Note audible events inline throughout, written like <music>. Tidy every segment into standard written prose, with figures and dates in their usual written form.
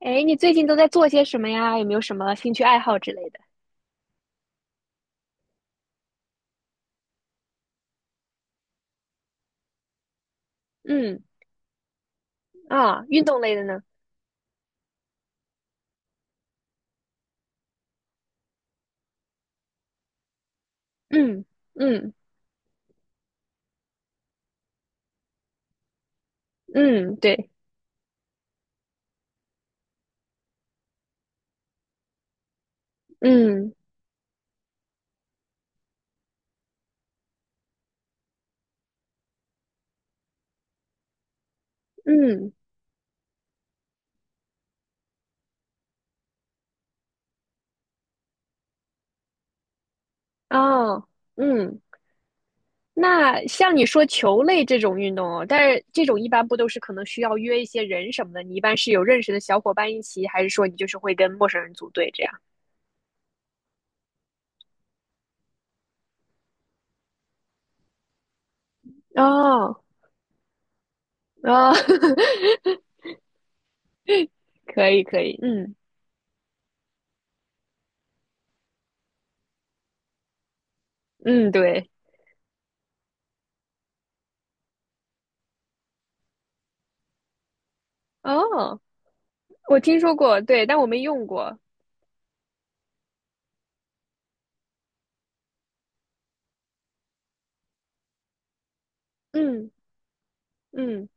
哎，你最近都在做些什么呀？有没有什么兴趣爱好之类的？嗯。啊，运动类的呢？嗯嗯嗯，对，嗯嗯，哦，嗯。那像你说球类这种运动哦，但是这种一般不都是可能需要约一些人什么的？你一般是有认识的小伙伴一起，还是说你就是会跟陌生人组队这样？哦哦，<laughs> 可以可以，嗯嗯，对，哦，我听说过，对，但我没用过，嗯嗯，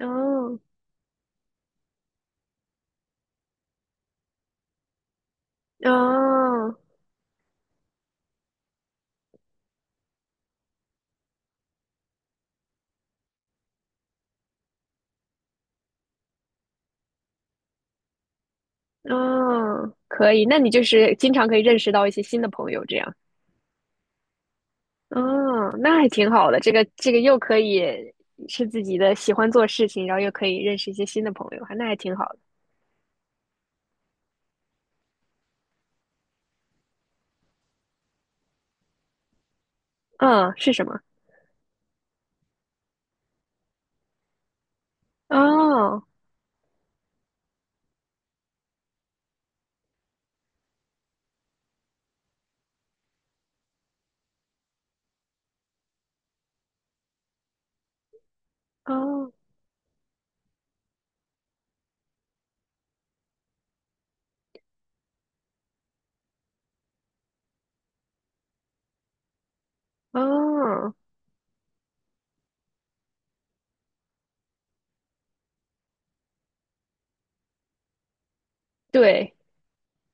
哦。哦哦，可以，那你就是经常可以认识到一些新的朋友，这样，哦，那还挺好的。这个又可以是自己的喜欢做事情，然后又可以认识一些新的朋友，那还挺好的。嗯，是什么？哦哦哦，对，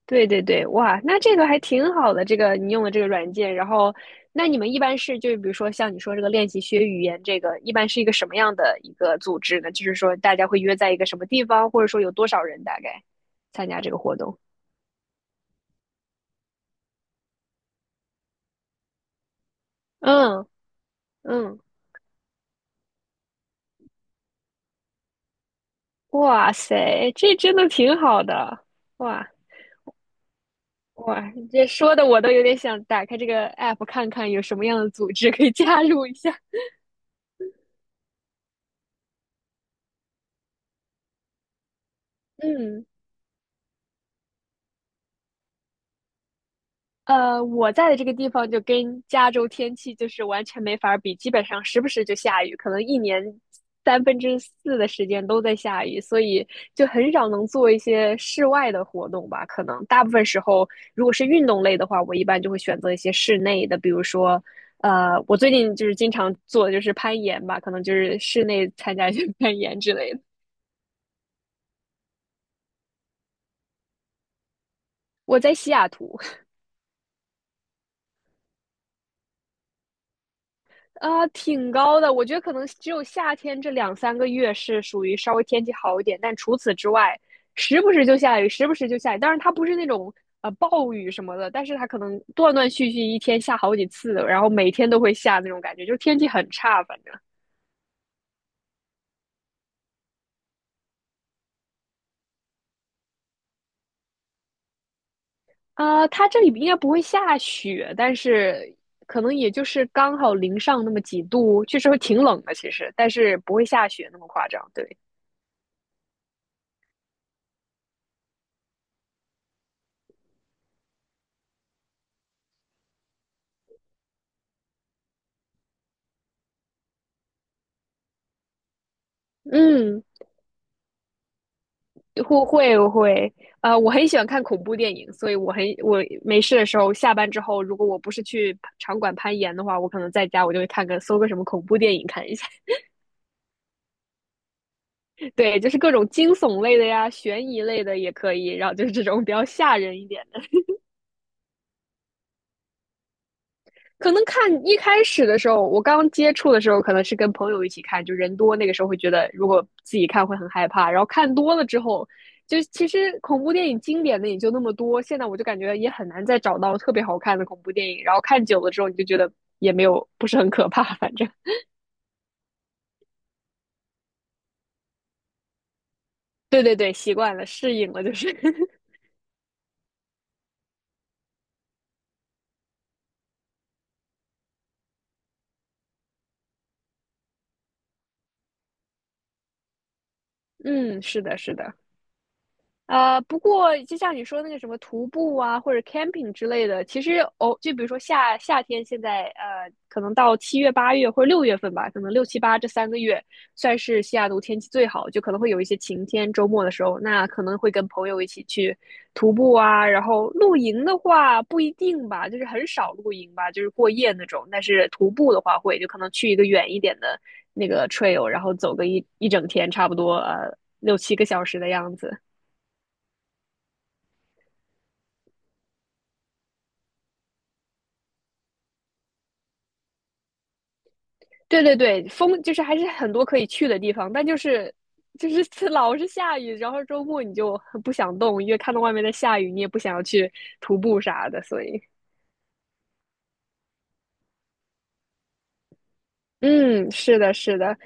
对对对，哇，那这个还挺好的，这个你用的这个软件，然后那你们一般是就是比如说像你说这个练习学语言，这个一般是一个什么样的一个组织呢？就是说大家会约在一个什么地方，或者说有多少人大概参加这个活动？嗯嗯。哇塞，这真的挺好的。哇哇，你这说的我都有点想打开这个 app 看看有什么样的组织可以加入一下。嗯。我在的这个地方就跟加州天气就是完全没法儿比，基本上时不时就下雨，可能一年3/4的时间都在下雨，所以就很少能做一些室外的活动吧。可能大部分时候，如果是运动类的话，我一般就会选择一些室内的，比如说，我最近就是经常做的就是攀岩吧，可能就是室内参加一些 <laughs> 攀岩之类的。我在西雅图。啊，挺高的，我觉得可能只有夏天这两三个月是属于稍微天气好一点，但除此之外，时不时就下雨，时不时就下雨。当然，它不是那种暴雨什么的，但是它可能断断续续一天下好几次，然后每天都会下那种感觉，就是天气很差，反正。啊，它这里应该不会下雪，但是可能也就是刚好零上那么几度，确实会挺冷的，其实，但是不会下雪那么夸张，对。嗯。我会，我很喜欢看恐怖电影，所以我没事的时候，下班之后，如果我不是去场馆攀岩的话，我可能在家我就会看个搜个什么恐怖电影看一下。<laughs> 对，就是各种惊悚类的呀，悬疑类的也可以，然后就是这种比较吓人一点的。可能看一开始的时候，我刚接触的时候，可能是跟朋友一起看，就人多，那个时候会觉得如果自己看会很害怕。然后看多了之后，就其实恐怖电影经典的也就那么多，现在我就感觉也很难再找到特别好看的恐怖电影。然后看久了之后，你就觉得也没有不是很可怕，反正。 <laughs> 对对对，习惯了，适应了，就是。 <laughs> 嗯，是的，是的。不过就像你说那个什么徒步啊，或者 camping 之类的，其实哦，就比如说夏天，现在可能到7月、8月或者6月份吧，可能六七八这三个月算是西雅图天气最好，就可能会有一些晴天。周末的时候，那可能会跟朋友一起去徒步啊，然后露营的话不一定吧，就是很少露营吧，就是过夜那种。但是徒步的话会，就可能去一个远一点的那个 trail，然后走个一整天，差不多六七个小时的样子。对对对，风就是还是很多可以去的地方，但就是 <laughs> 老是下雨，然后周末你就很不想动，因为看到外面在下雨，你也不想要去徒步啥的，所以嗯，是的，是的。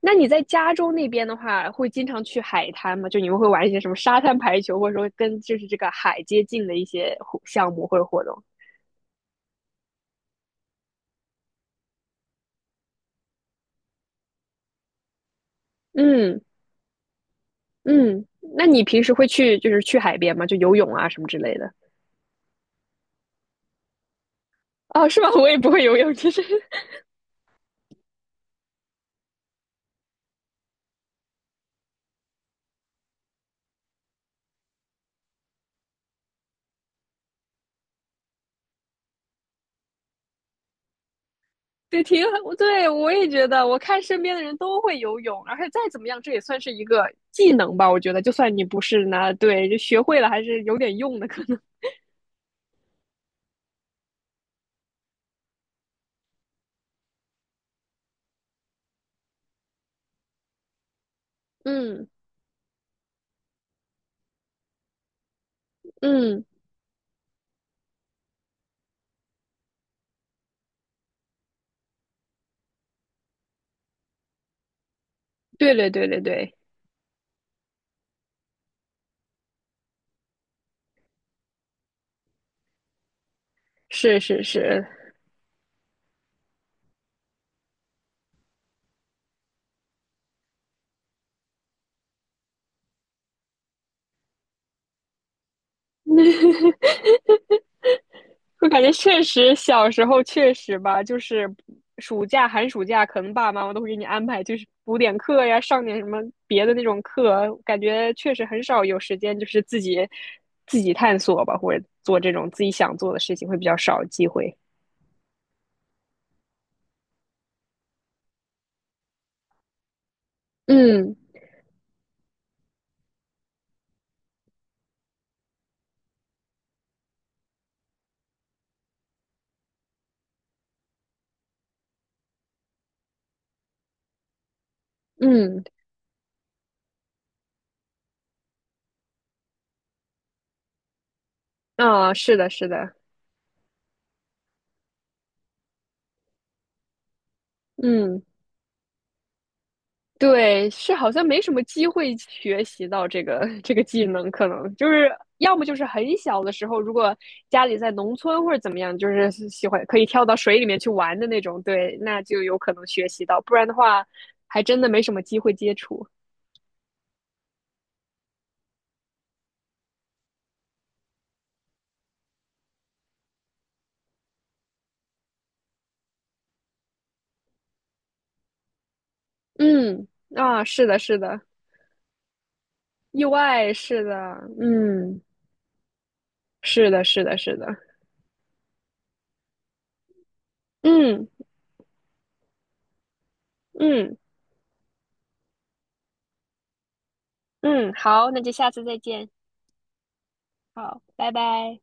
那你在加州那边的话，会经常去海滩吗？就你们会玩一些什么沙滩排球，或者说跟就是这个海接近的一些活项目或者活动？嗯嗯。那你平时会去就是去海边吗？就游泳啊什么之类的？哦，是吗？我也不会游泳，其实。对，挺我对我也觉得，我看身边的人都会游泳，而且再怎么样，这也算是一个技能吧。我觉得，就算你不是呢，对，就学会了还是有点用的，可能。嗯嗯，对对对对对，是是是，我感觉确实小时候确实吧，就是暑假、寒暑假，可能爸爸妈妈都会给你安排，就是补点课呀，上点什么别的那种课，感觉确实很少有时间，就是自己探索吧，或者做这种自己想做的事情会比较少机会。嗯嗯。啊，是的，是的。嗯，对，是好像没什么机会学习到这个 <laughs> 这个技能，可能就是要么就是很小的时候，如果家里在农村或者怎么样，就是喜欢可以跳到水里面去玩的那种，对，那就有可能学习到，不然的话，还真的没什么机会接触。嗯。啊，是的，是的。意外，是的。嗯，是的，是的，是的。嗯嗯嗯，好，那就下次再见。好，拜拜。